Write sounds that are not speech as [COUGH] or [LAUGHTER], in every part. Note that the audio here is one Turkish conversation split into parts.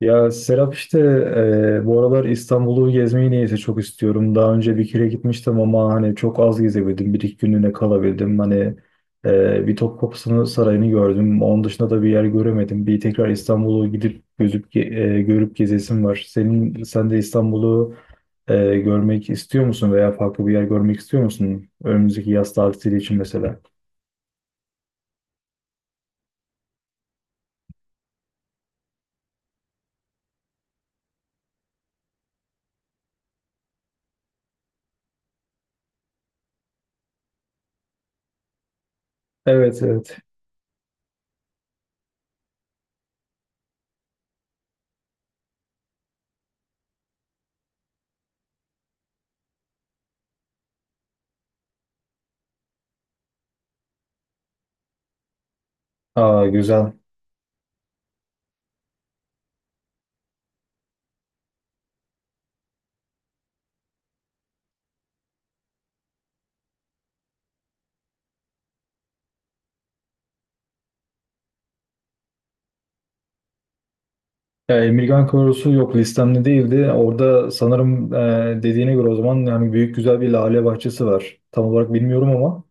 Ya, Serap işte, bu aralar İstanbul'u gezmeyi neyse çok istiyorum. Daha önce bir kere gitmiştim ama hani çok az gezebildim. Bir iki günlüğüne kalabildim. Hani bir Topkapı Sarayı'nı gördüm. Onun dışında da bir yer göremedim. Bir tekrar İstanbul'u gidip görüp gezesim var. Sen de İstanbul'u görmek istiyor musun veya farklı bir yer görmek istiyor musun? Önümüzdeki yaz tatili için mesela. Evet, evet. Aa, güzel. Ya, Emirgan Korosu yok, listemde değildi. Orada sanırım dediğine göre o zaman yani büyük güzel bir lale bahçesi var. Tam olarak bilmiyorum ama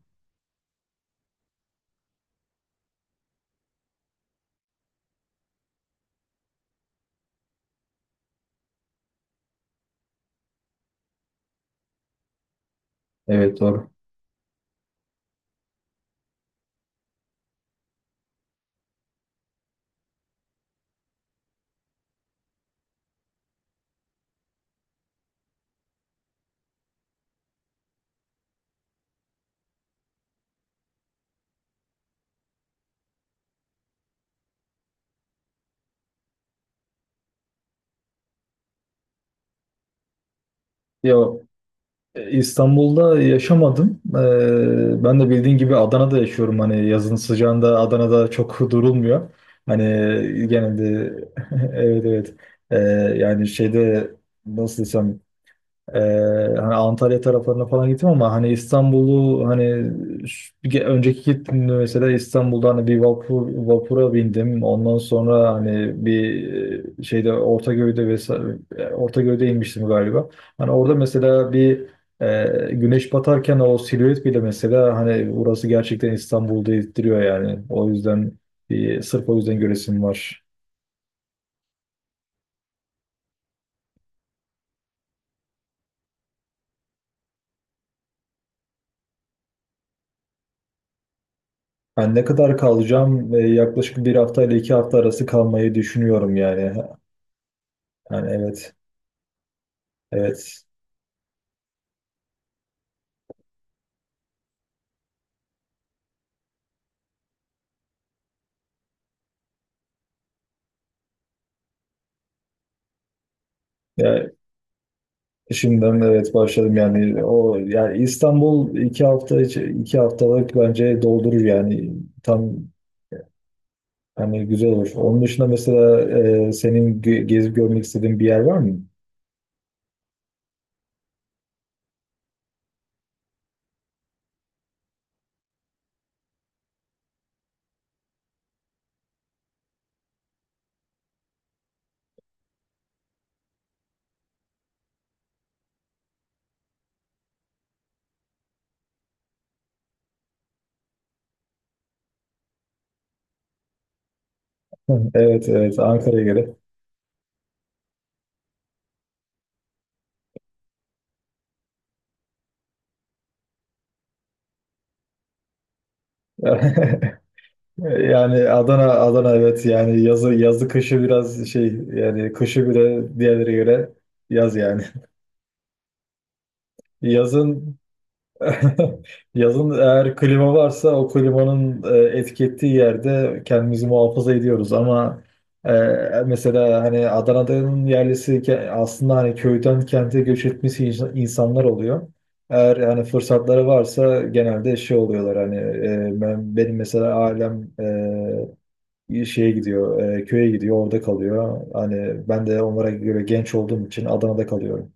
evet, doğru. Ya, İstanbul'da yaşamadım. Ben de bildiğin gibi Adana'da yaşıyorum. Hani yazın sıcağında Adana'da çok [LAUGHS] durulmuyor. Hani genelde [LAUGHS] evet, evet. E, Yani şeyde, nasıl desem, Ee, hani Antalya taraflarına falan gittim ama hani İstanbul'u hani önceki gittiğimde mesela İstanbul'da hani vapura bindim. Ondan sonra hani bir şeyde Ortaköy'de vesaire, Ortaköy'de inmiştim galiba. Hani orada mesela bir güneş batarken o silüet bile mesela hani burası gerçekten İstanbul'da ettiriyor yani. O yüzden bir sırf o yüzden göresim var. Ben ne kadar kalacağım? Yaklaşık bir hafta ile iki hafta arası kalmayı düşünüyorum yani. Yani evet, evet. Ya, şimdiden de evet, başladım yani. O yani İstanbul iki haftalık bence doldurur yani, tam hani güzel olur. Onun dışında mesela senin gezip görmek istediğin bir yer var mı? [LAUGHS] Evet, evet, Ankara'ya göre. [LAUGHS] Yani Adana Adana, evet yani, yazı yazı kışı biraz şey yani, kışı bile diğerlere göre yaz yani. [LAUGHS] Yazın [LAUGHS] yazın, eğer klima varsa o klimanın etki ettiği yerde kendimizi muhafaza ediyoruz ama e, mesela hani Adana'nın yerlisi aslında hani köyden kente göç etmesi insanlar oluyor. Eğer hani fırsatları varsa genelde şey oluyorlar hani, benim mesela ailem, köye gidiyor, orada kalıyor. Hani ben de onlara göre genç olduğum için Adana'da kalıyorum.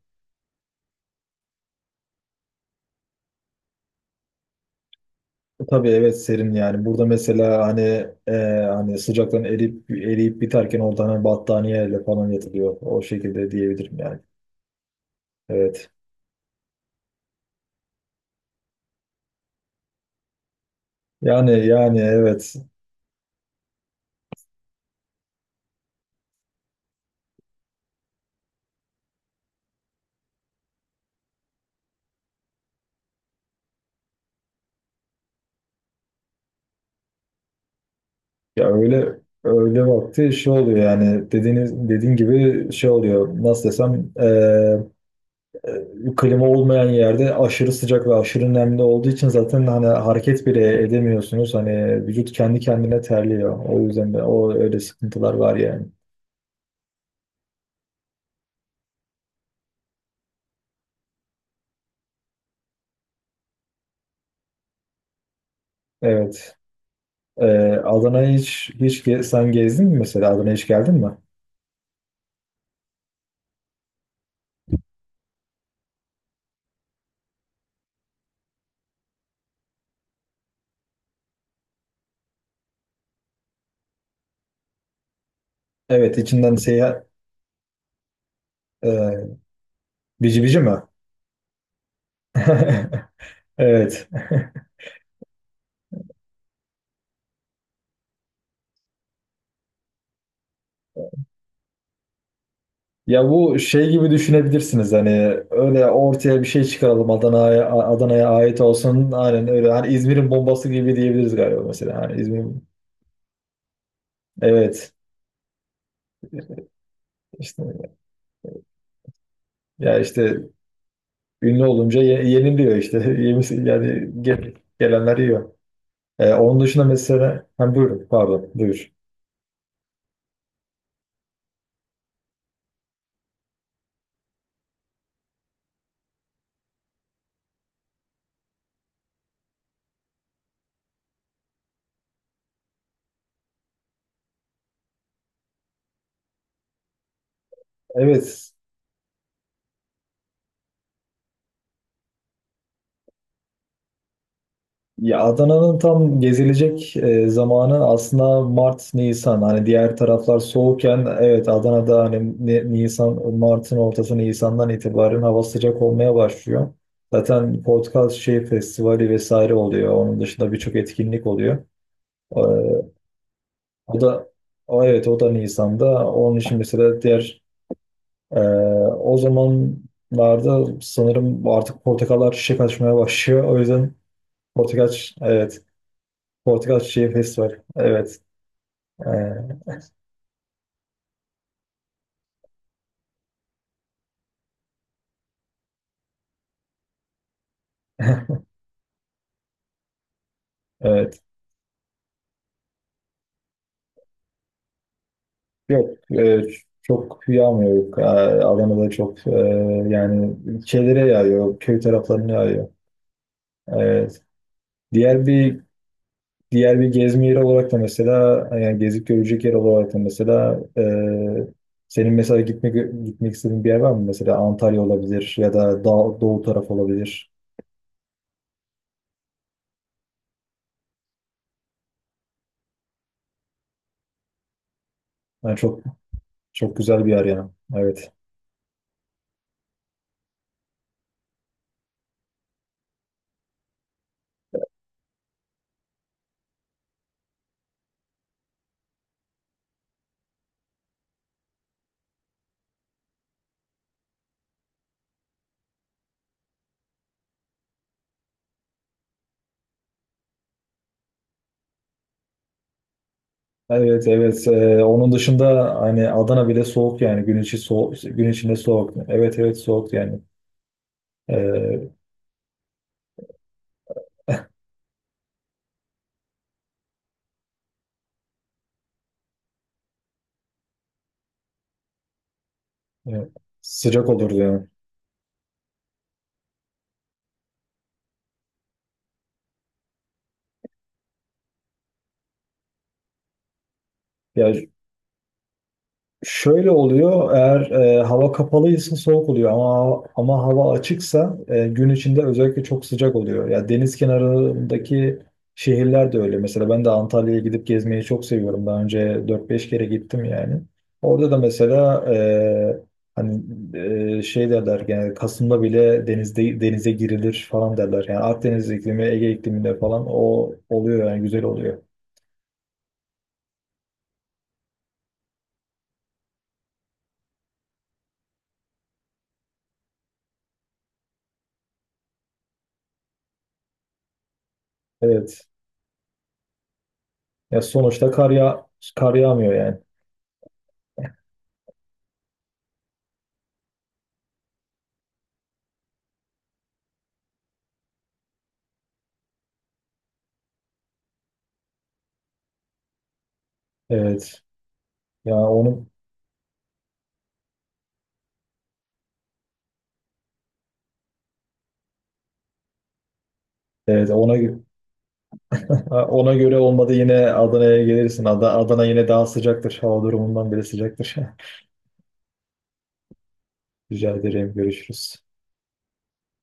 Tabii, evet, serin yani. Burada mesela hani, e, hani sıcaktan eriyip eriyip biterken orada hani battaniyeyle falan yatılıyor. O şekilde diyebilirim yani. Evet. Yani evet. Ya, öyle öyle vakti şey oluyor yani, dediğin gibi şey oluyor. Nasıl desem, klima olmayan yerde aşırı sıcak ve aşırı nemli olduğu için zaten hani hareket bile edemiyorsunuz. Hani vücut kendi kendine terliyor. O yüzden de o öyle sıkıntılar var yani. Evet. Ee, Adana'ya hiç sen gezdin mi mesela? Adana'ya hiç geldin mi? Evet, içinden seyahat... E, Bici bici mi? [LAUGHS] Evet. Ya, bu şey gibi düşünebilirsiniz hani, öyle ortaya bir şey çıkaralım, Adana'ya, Adana'ya ait olsun, aynen öyle hani İzmir'in bombası gibi diyebiliriz galiba, mesela hani İzmir, evet işte, ya işte ünlü olunca yeniliyor işte. [LAUGHS] Yani gelenler yiyor. Onun dışında mesela, ha, buyurun, pardon, buyur. Evet, ya Adana'nın tam gezilecek zamanı aslında Mart, Nisan. Hani diğer taraflar soğukken, evet, Adana'da hani Nisan, Mart'ın ortası Nisan'dan itibaren hava sıcak olmaya başlıyor. Zaten portakal şey festivali vesaire oluyor. Onun dışında birçok etkinlik oluyor. Ee, o da o evet, o da Nisan'da. Onun için mesela diğer, e, o zamanlarda sanırım artık portakallar çiçek açmaya başlıyor. O yüzden portakal evet, Portakal Çiçeği Festival. Evet. Ee, [LAUGHS] evet. Yok. Çok yağmıyor. Yok. Adana'da çok yani şeylere yağıyor. Köy taraflarına yağıyor. Evet. Diğer bir diğer bir gezme yeri olarak da mesela, yani gezip görecek yer olarak da mesela, senin mesela gitmek istediğin bir yer var mı? Mesela Antalya olabilir ya da Doğu taraf olabilir. Yani çok, çok güzel bir yer yani. Evet. Evet, evet. Onun dışında hani Adana bile soğuk yani, gün içi soğuk, gün içinde soğuk, evet, evet, soğuk yani. Ee, e, Sıcak olurdu yani. Ya, şöyle oluyor, eğer hava kapalıysa soğuk oluyor, ama hava açıksa gün içinde özellikle çok sıcak oluyor. Ya, deniz kenarındaki şehirler de öyle. Mesela ben de Antalya'ya gidip gezmeyi çok seviyorum. Daha önce dört beş kere gittim yani. Orada da mesela hani, şey derler yani, Kasım'da bile denize girilir falan derler. Yani Akdeniz iklimi, Ege ikliminde falan o oluyor yani, güzel oluyor. Evet. Ya, sonuçta kar yağmıyor yani. Evet. Ya, evet, [LAUGHS] Ona göre olmadı, yine Adana'ya gelirsin. Adana, Adana yine daha sıcaktır. Hava durumundan bile sıcaktır. [LAUGHS] Rica ederim. Görüşürüz.